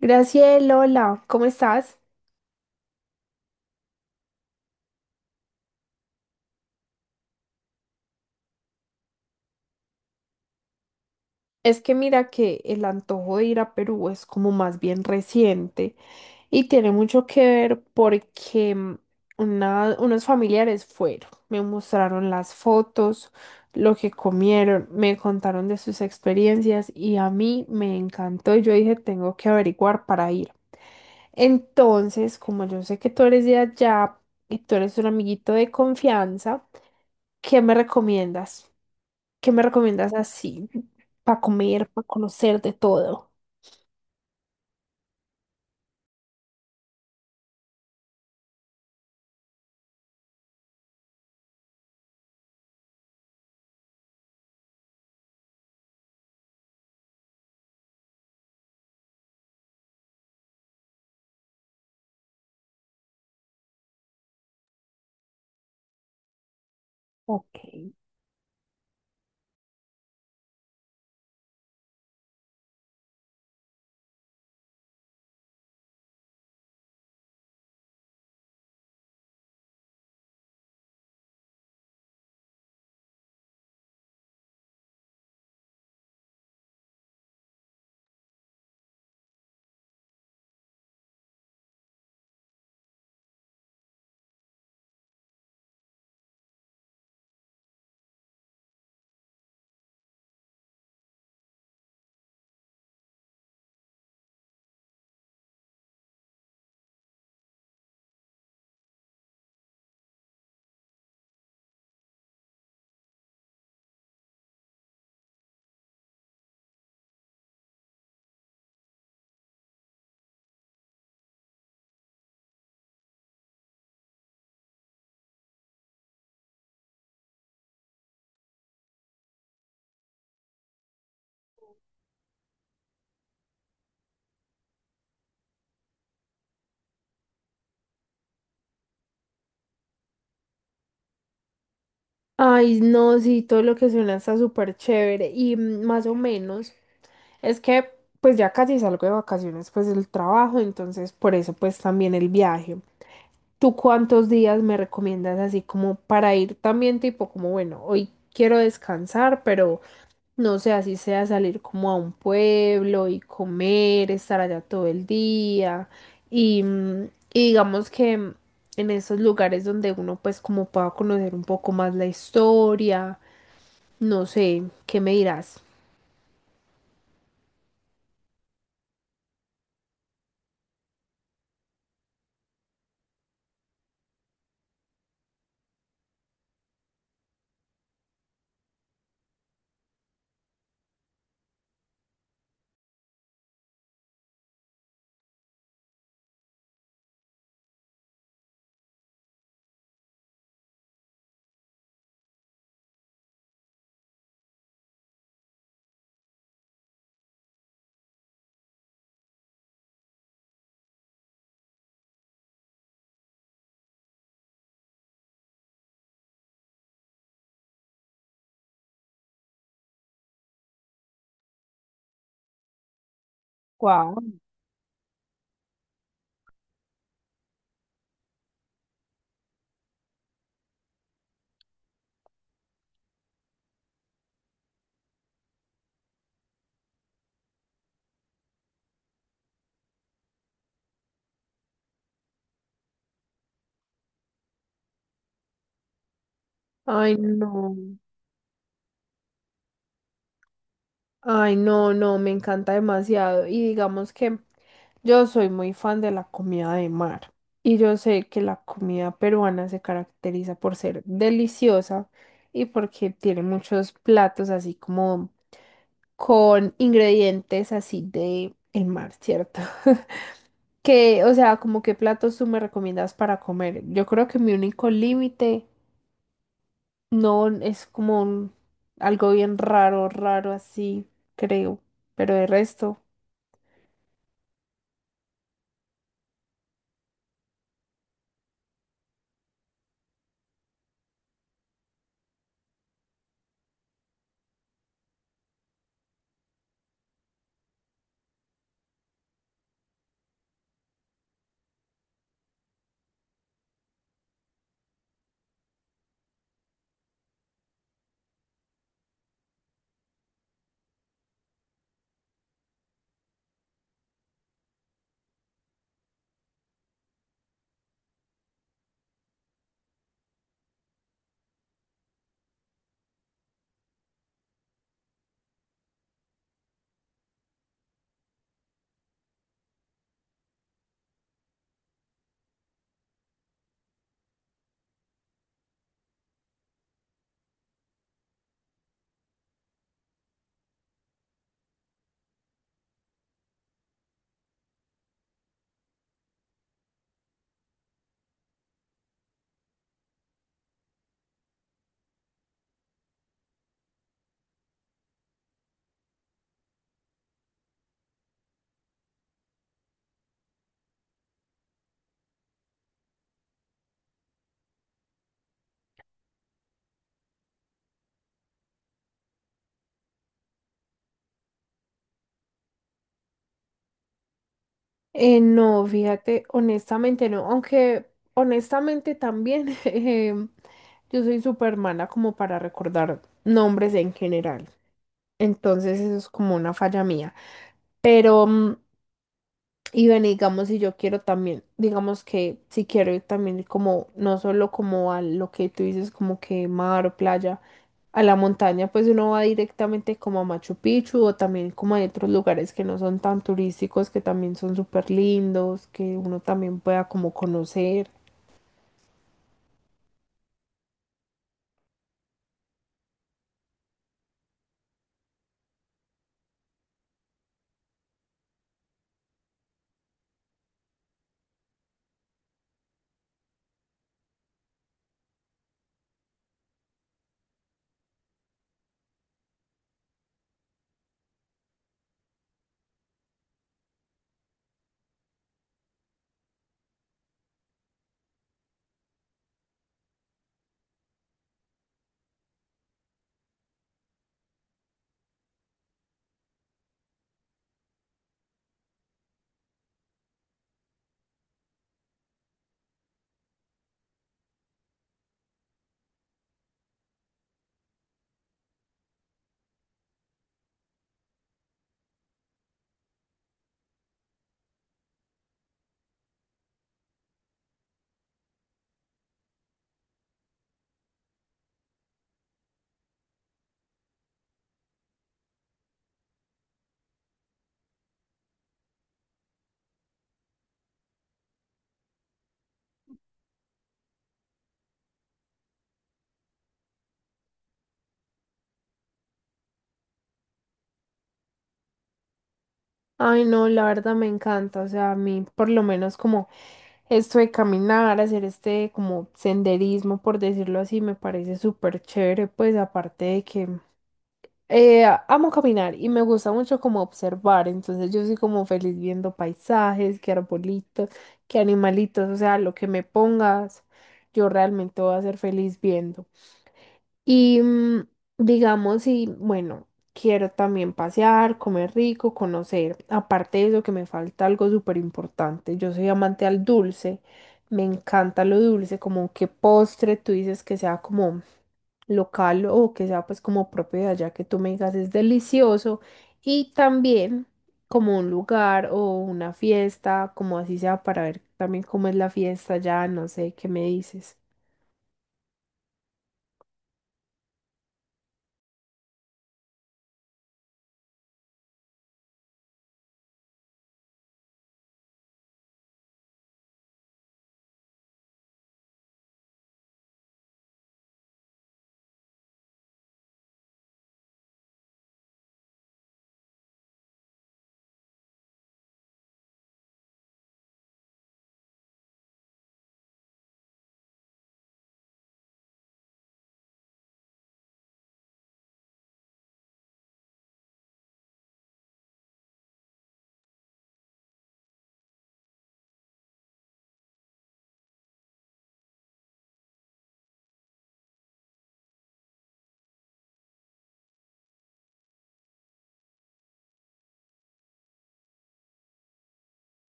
Graciela, hola, ¿cómo estás? Es que mira que el antojo de ir a Perú es como más bien reciente. Y tiene mucho que ver porque unos familiares fueron, me mostraron las fotos, lo que comieron, me contaron de sus experiencias y a mí me encantó y yo dije, tengo que averiguar para ir. Entonces, como yo sé que tú eres de allá y tú eres un amiguito de confianza, ¿qué me recomiendas? ¿Qué me recomiendas así para comer, para conocer de todo? Ok. Ay, no, sí, todo lo que suena está súper chévere y, más o menos es que pues ya casi salgo de vacaciones pues del trabajo, entonces por eso pues también el viaje. ¿Tú cuántos días me recomiendas así como para ir también tipo como bueno, hoy quiero descansar, pero no sé, así sea salir como a un pueblo y comer, estar allá todo el día y, mm, y digamos que, en esos lugares donde uno pues como pueda conocer un poco más la historia, no sé, ¿qué me dirás? Wow. Ay, no. Ay, no, no, me encanta demasiado. Y digamos que yo soy muy fan de la comida de mar. Y yo sé que la comida peruana se caracteriza por ser deliciosa y porque tiene muchos platos así como con ingredientes así de el mar, ¿cierto? Que, o sea, como qué platos tú me recomiendas para comer. Yo creo que mi único límite no, es como algo bien raro, raro así, creo. Pero de resto, no, fíjate, honestamente no. Aunque honestamente también yo soy súper mala como para recordar nombres en general. Entonces eso es como una falla mía. Pero mm, Y bueno, digamos, si yo quiero también, digamos que si quiero ir también como, no solo como a lo que tú dices, como que mar o playa, a la montaña, pues uno va directamente como a Machu Picchu o también como a otros lugares que no son tan turísticos, que también son súper lindos, que uno también pueda como conocer. Ay, no, la verdad me encanta, o sea, a mí por lo menos como esto de caminar, hacer este como senderismo, por decirlo así, me parece súper chévere, pues aparte de que eh, amo caminar y me gusta mucho como observar, entonces yo soy como feliz viendo paisajes, qué arbolitos, qué animalitos, o sea, lo que me pongas, yo realmente voy a ser feliz viendo. Y mm, digamos, y bueno, quiero también pasear, comer rico, conocer. Aparte de eso, que me falta algo súper importante. Yo soy amante al dulce. Me encanta lo dulce, como qué postre tú dices que sea como local o que sea pues como propio de allá que tú me digas es delicioso y también como un lugar o una fiesta, como así sea para ver también cómo es la fiesta ya, no sé, ¿qué me dices?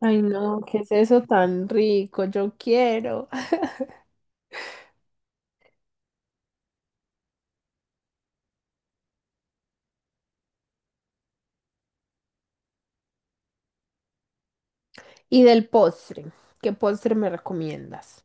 Ay, no, ¿qué es eso tan rico? Yo quiero. Y del postre, ¿qué postre me recomiendas?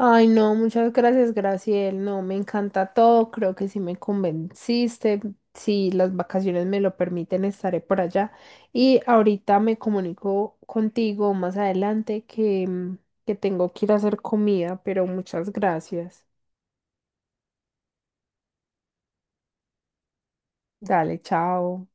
Ay, no, muchas gracias, Graciel. No, me encanta todo. Creo que sí me convenciste. Si las vacaciones me lo permiten, estaré por allá. Y ahorita me comunico contigo más adelante que, que tengo que ir a hacer comida, pero muchas gracias. Dale, chao.